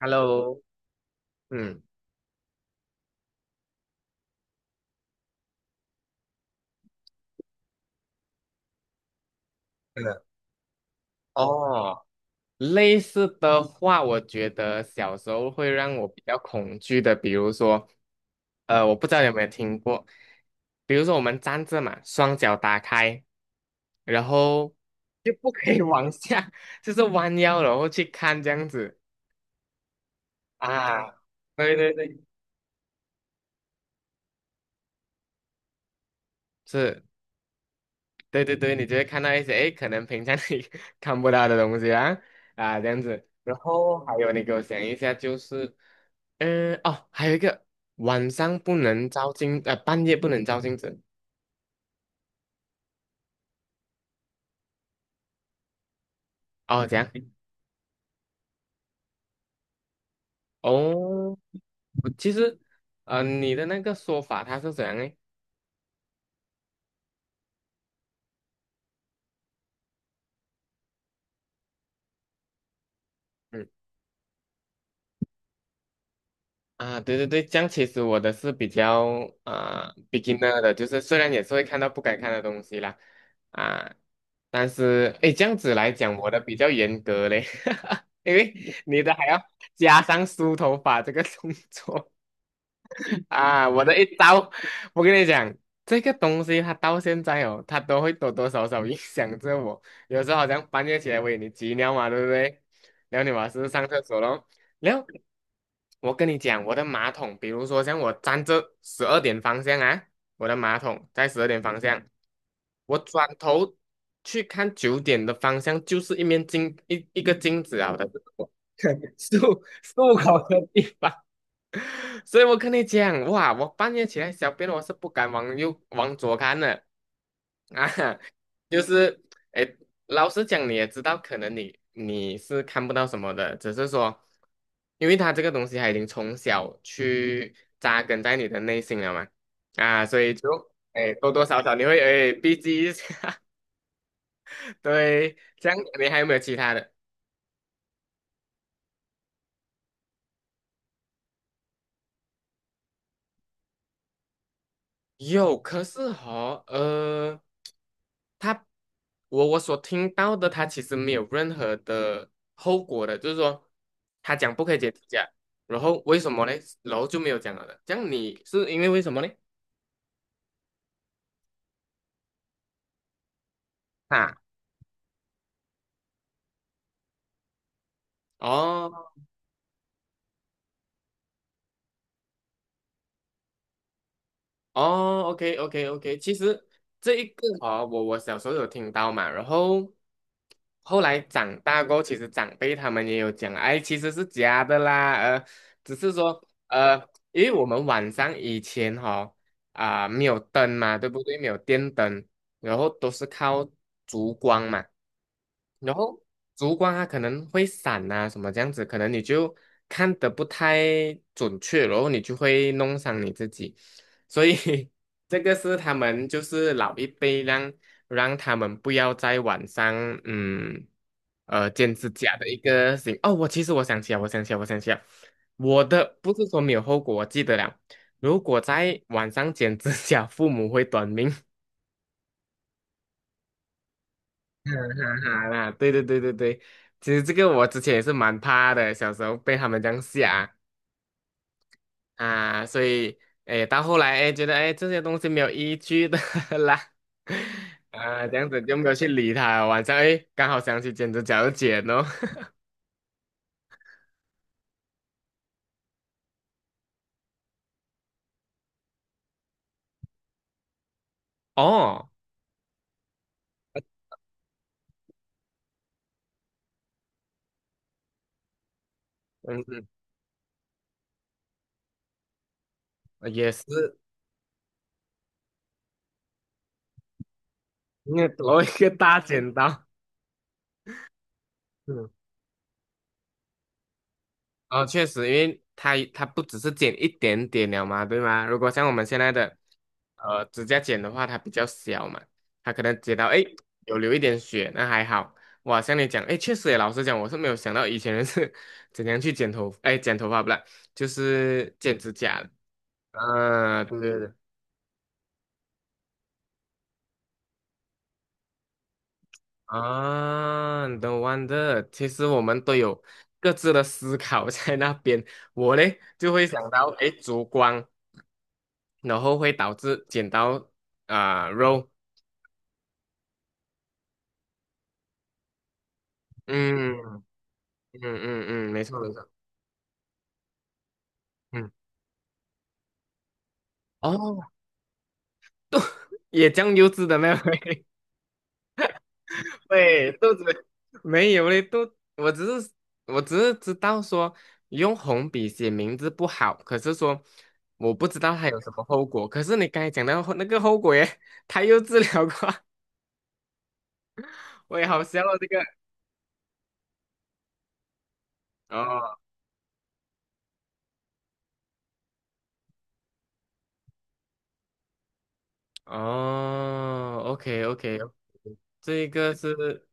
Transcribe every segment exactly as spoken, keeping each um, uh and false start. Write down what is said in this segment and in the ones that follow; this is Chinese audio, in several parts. Hello，嗯，真的，哦，类似的话，我觉得小时候会让我比较恐惧的，比如说，呃，我不知道你有没有听过，比如说我们站着嘛，双脚打开，然后就不可以 往下，就是弯腰然后去看这样子啊，对对对，是，对对对，你就会看到一些，诶，可能平常你 看不到的东西啊，啊，这样子，然后还有你给我想一下，就是。嗯，哦，还有一个晚上不能照镜，呃，半夜不能照镜子。哦，怎样？哦，我其实，呃，你的那个说法它是怎样诶？嗯，啊，对对对，这样其实我的是比较啊、呃 beginner 的，就是虽然也是会看到不该看的东西啦，啊，但是诶，这样子来讲，我的比较严格嘞，因为你的还要加上梳头发这个动作。啊，我的一招，我跟你讲，这个东西它到现在哦，它都会多多少少影响着我。有时候好像半夜起来喂你急尿嘛，对不对？然后你马上上厕所咯。然后我跟你讲，我的马桶，比如说像我站着十二点方向啊，我的马桶在十二点方向，我转头去看九点的方向，就是一面镜一一个镜子啊我的 漱漱口 的地方。所以我跟你讲，哇，我半夜起来小便，我是不敢往右往左看的啊，就是，哎，老实讲，你也知道，可能你你是看不到什么的，只是说，因为他这个东西它已经从小去扎根在你的内心了嘛，啊，所以就，哎，多多少少你会哎避忌一下，对，这样你还有没有其他的？有，可是哈，呃，他，我我所听到的，他其实没有任何的后果的，就是说，他讲不可以解体价，然后为什么呢？然后就没有讲了的。这样你是因为为什么呢？啊，哦。哦，OK OK OK，其实这一个哦，我我小时候有听到嘛，然后后来长大过后其实长辈他们也有讲，哎，其实是假的啦，呃，只是说呃，因为我们晚上以前哈、啊、没有灯嘛，对不对？没有电灯，然后都是靠烛光嘛。然后烛光它可能会闪啊什么这样子，可能你就看得不太准确，然后你就会弄伤你自己。所以 这个是他们就是老一辈让让他们不要在晚上嗯呃剪指甲的一个行哦，我其实我想起来，我想起来，我想起来，我的不是说没有后果，我记得了。如果在晚上剪指甲，父母会短命。哈哈哈 啦，对对对对对，其实这个我之前也是蛮怕的，小时候被他们这样吓。啊，所以哎，到后来哎，觉得哎这些东西没有依据的 啦，啊，这样子就没有去理他。晚上哎，刚好想起剪指甲就剪哦，哦，嗯嗯，也是，因为多一个大剪刀，嗯。哦，确实，因为它它不只是剪一点点了嘛，对吗？如果像我们现在的呃指甲剪的话，它比较小嘛，它可能剪到诶有流一点血，那还好。哇，像你讲，诶，确实也，老实讲，我是没有想到以前人是 怎样去剪头，诶，剪头发不啦，就是剪指甲的啊，嗯对对对，啊，no wonder，其实我们都有各自的思考 在那边。我嘞就会想到，诶，烛光。然后会导致剪刀啊、肉，嗯嗯嗯嗯，没错没错，嗯，哦，也酱油脂的没有？对，肚子没有嘞，肚，我只是我只是知道说用红笔写名字不好，可是说我不知道它有什么后果。可是你刚才讲到后那个后果耶，他又治疗过，我也好笑哦这个。哦哦，OK OK，这一个是。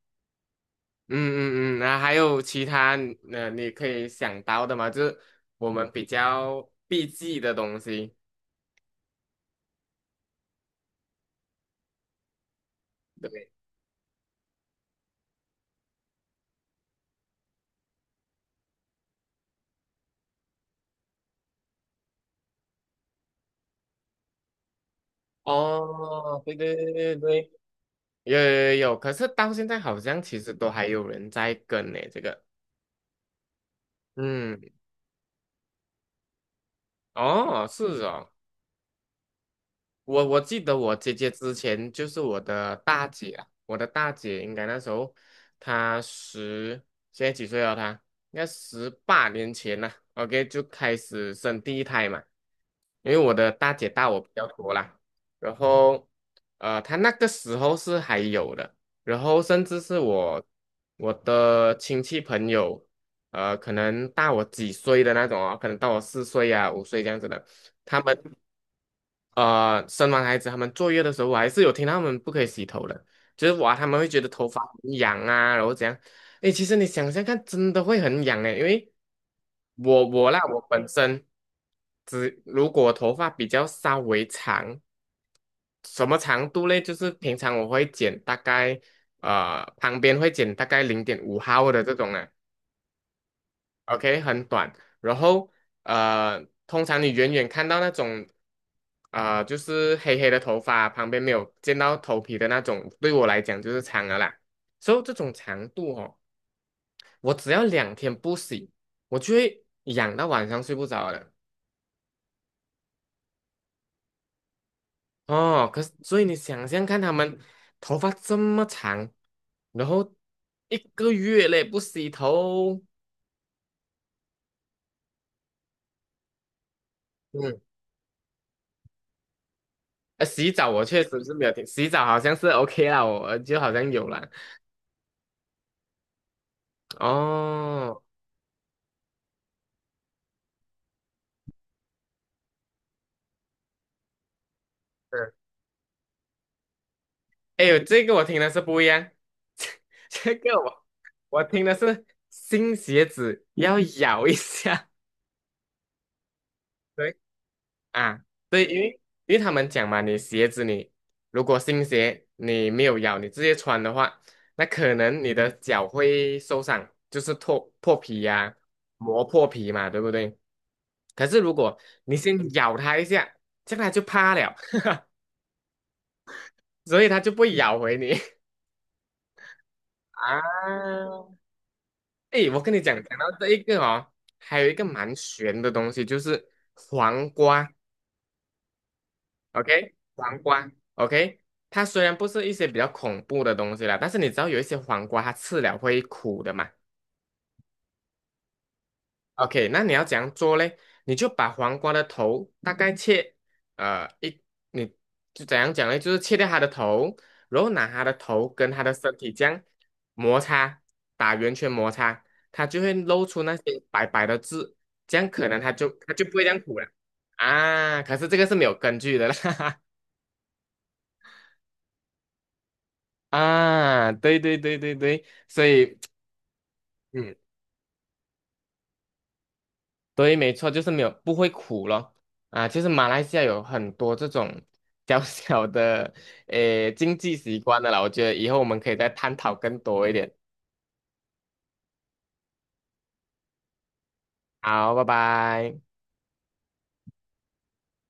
嗯嗯嗯，那还有其他呃，你可以想到的吗？就是我们比较避忌的东西。对。哦，对对对对对，有有有有，可是到现在好像其实都还有人在跟呢、这个。嗯，哦，是哦。我我记得我姐姐之前就是我的大姐啊，我的大姐应该那时候她十，现在几岁了她？应该十八年前了 o k 就开始生第一胎嘛。因为我的大姐大我比较多啦，然后呃，她那个时候是还有的，然后甚至是我我的亲戚朋友，呃，可能大我几岁的那种哦，可能大我四岁啊五岁这样子的。他们呃，生完孩子他们坐月的时候，我还是有听到他们不可以洗头的，就是哇，他们会觉得头发很痒啊，然后怎样？诶，其实你想想看，真的会很痒诶，因为我我啦，我本身只如果头发比较稍微长，什么长度嘞？就是平常我会剪大概呃旁边会剪大概零点五毫的这种啊，OK，很短。然后呃，通常你远远看到那种啊、呃就是黑黑的头发，旁边没有见到头皮的那种，对我来讲就是长了啦。所以这种长度哦，我只要两天不洗，我就会痒到晚上睡不着了。哦，可是所以你想象看，他们头发这么长，然后一个月嘞不洗头，嗯，呃，洗澡我确实是没有听，洗澡好像是 OK 啦，我就好像有了。哦，是，哎呦，这个我听的是不一样，这个我我听的是新鞋子要咬一下 对啊，对，因为因为他们讲嘛，你鞋子你如果新鞋你没有咬，你直接穿的话，那可能你的脚会受伤，就是脱破皮呀、磨破皮嘛，对不对？可是如果你先咬它一下，这样它就怕了，所以它就不会咬回你 啊。诶，我跟你讲，讲到这一个哦，还有一个蛮玄的东西，就是黄瓜，OK，黄瓜，OK，它虽然不是一些比较恐怖的东西啦，但是你知道有一些黄瓜它吃了会苦的嘛，OK，那你要怎样做嘞？你就把黄瓜的头大概切，呃，一，你就怎样讲嘞？就是切掉它的头，然后拿它的头跟它的身体这样摩擦，打圆圈摩擦，它就会露出那些白白的字，这样可能它就它就不会这样苦了啊。可是这个是没有根据的啦，啊，对对对对对，所以。嗯。对，没错，就是没有不会苦咯。啊，就是马来西亚有很多这种 小小的诶经济习惯的啦，我觉得以后我们可以再探讨更多一点。好，拜拜。